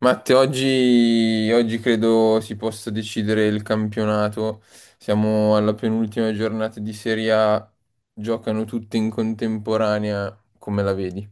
Matte, oggi, oggi credo si possa decidere il campionato. Siamo alla penultima giornata di Serie A, giocano tutte in contemporanea, come la vedi?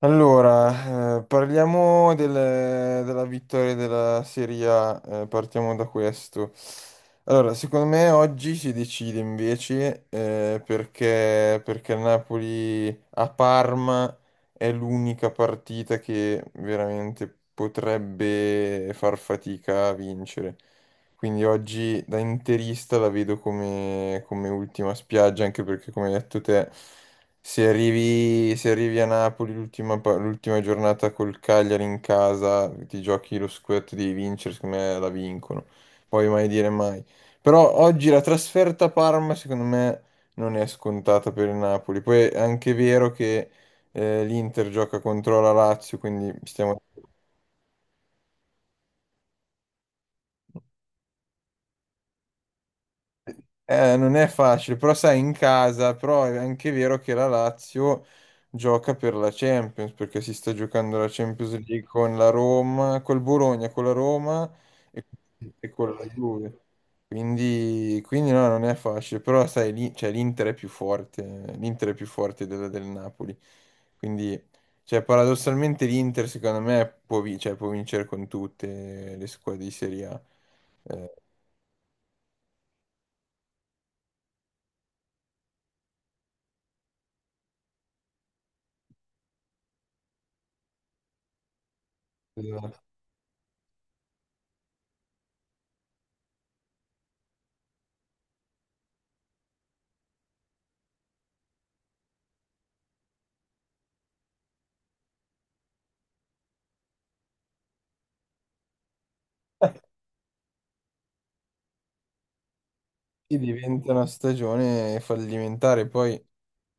Allora, parliamo della vittoria della Serie A, partiamo da questo. Allora, secondo me oggi si decide invece, perché, perché il Napoli a Parma è l'unica partita che veramente potrebbe far fatica a vincere. Quindi oggi da interista la vedo come, come ultima spiaggia, anche perché come hai detto te. Se arrivi, se arrivi a Napoli l'l'ultima giornata col Cagliari in casa, ti giochi lo scudetto, devi vincere, secondo me la vincono. Poi mai dire mai. Però oggi la trasferta a Parma, secondo me, non è scontata per il Napoli. Poi è anche vero che l'Inter gioca contro la Lazio, quindi stiamo. Non è facile, però sai, in casa, però è anche vero che la Lazio gioca per la Champions, perché si sta giocando la Champions League con la Roma, col Bologna, con la Roma e, e con la Juve. Quindi, quindi no, non è facile, però sai, lì, cioè, l'Inter è più forte, l'Inter è più forte del Napoli. Quindi, cioè, paradossalmente l'Inter, secondo me, può, cioè, può vincere con tutte le squadre di Serie A. Eh, sì, diventa una stagione fallimentare. Poi,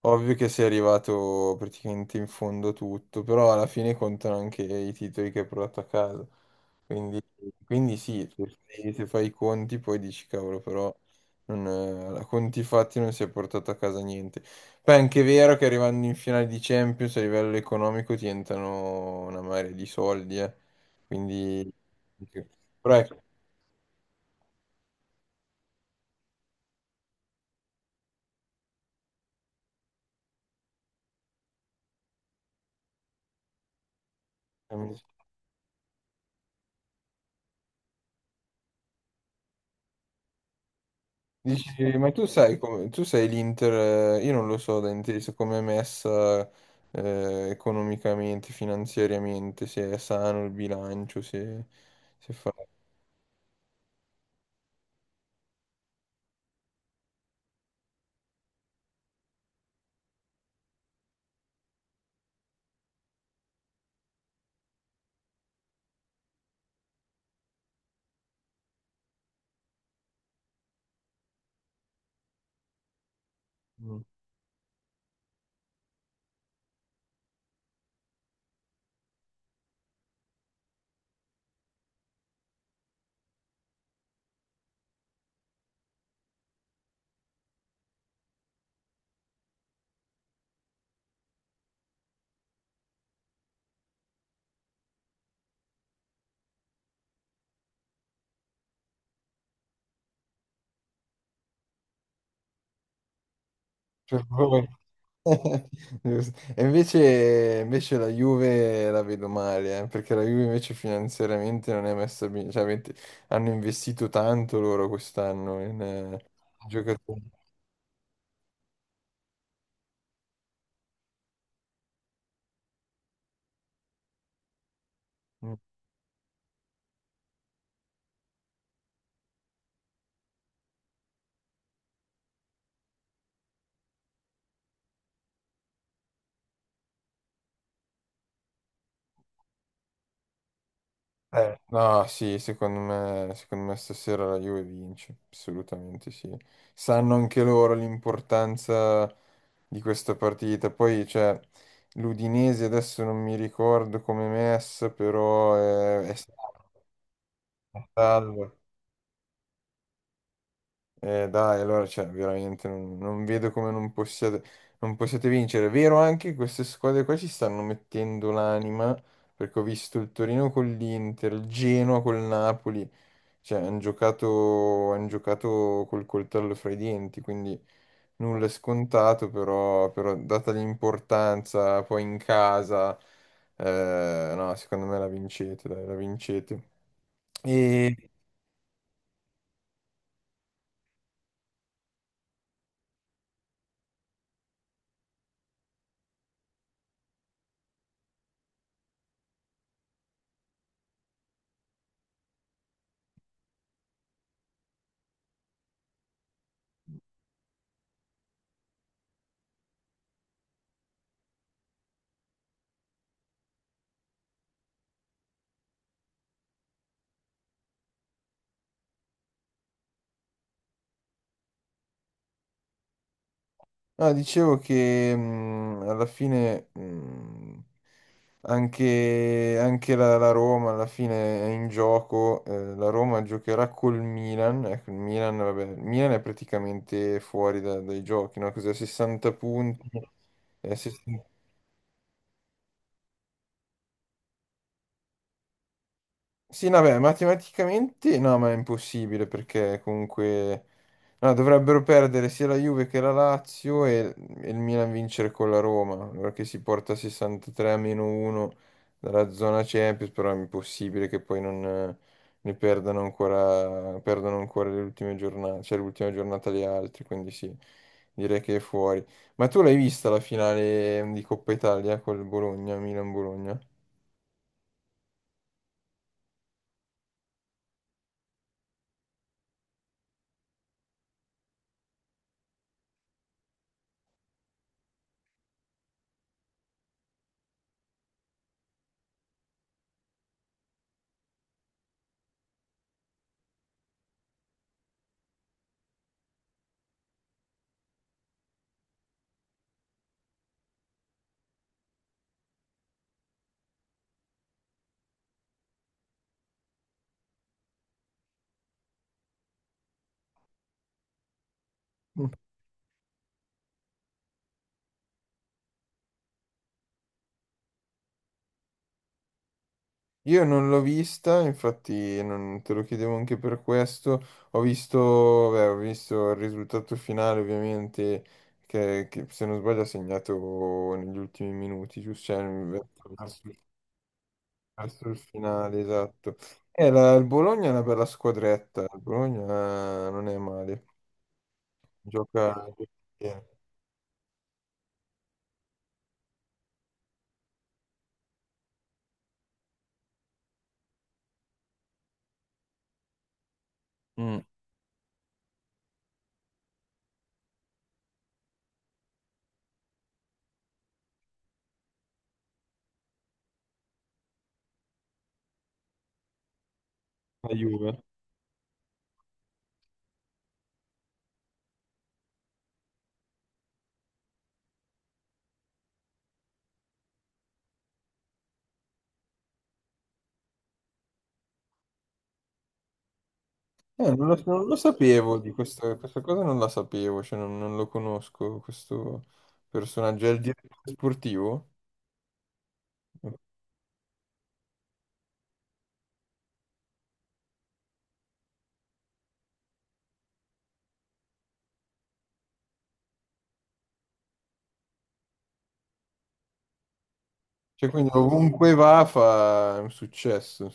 ovvio che sei arrivato praticamente in fondo tutto, però alla fine contano anche i titoli che hai portato a casa. Quindi, quindi sì, se fai, se fai i conti poi dici cavolo, però non, a conti fatti non si è portato a casa niente. Poi è anche vero che arrivando in finale di Champions a livello economico ti entrano una marea di soldi, eh. Quindi. Però ecco, ehm, dici, ma tu sai come, tu sei l'Inter, io non lo so da inteso come è messa, economicamente, finanziariamente, se è sano il bilancio, se, se fa. Mm. Per favore. Giusto. E invece, invece la Juve la vedo male, perché la Juve invece finanziariamente non è messa bene, cioè hanno investito tanto loro quest'anno in, giocatori. Mm. No, sì, secondo me stasera la Juve vince, assolutamente sì. Sanno anche loro l'importanza di questa partita. Poi, cioè, l'Udinese adesso non mi ricordo come è messa, però è salvo. Dai, allora, cioè, veramente non, non vedo come non possiate, non possiate vincere. È vero anche che queste squadre qua ci stanno mettendo l'anima, perché ho visto il Torino con l'Inter, il Genoa con il Napoli. Cioè, hanno giocato, han giocato col coltello fra i denti, quindi nulla è scontato, però, però data l'importanza poi in casa, no, secondo me la vincete, dai, la vincete. E sì. No, dicevo che, alla fine, anche, anche la Roma alla fine è in gioco, la Roma giocherà col Milan, ecco, il Milan, vabbè, il Milan è praticamente fuori dai giochi, no? Cos'è, 60 punti? Sì, no, beh, matematicamente no, ma è impossibile perché comunque no, dovrebbero perdere sia la Juve che la Lazio e il Milan vincere con la Roma, allora che si porta a 63 a meno 1 dalla zona Champions, però è impossibile che poi non ne perdano ancora, perdono ancora le ultime giornate, cioè l'ultima giornata gli altri, quindi sì, direi che è fuori. Ma tu l'hai vista la finale di Coppa Italia col Bologna, Milan-Bologna? Io non l'ho vista, infatti non te lo chiedevo anche per questo. Ho visto, beh, ho visto il risultato finale, ovviamente, che, se non sbaglio ha segnato negli ultimi minuti, giusto? Cioè, verso, Arthur, verso il finale, esatto. E il Bologna è una bella squadretta, il Bologna non è male, gioca bene. Mm. La Juve. Non lo, so, non lo sapevo di questo, questa cosa non la sapevo, cioè non, non lo conosco questo personaggio, è il direttore sportivo. Cioè, quindi ovunque va fa un successo,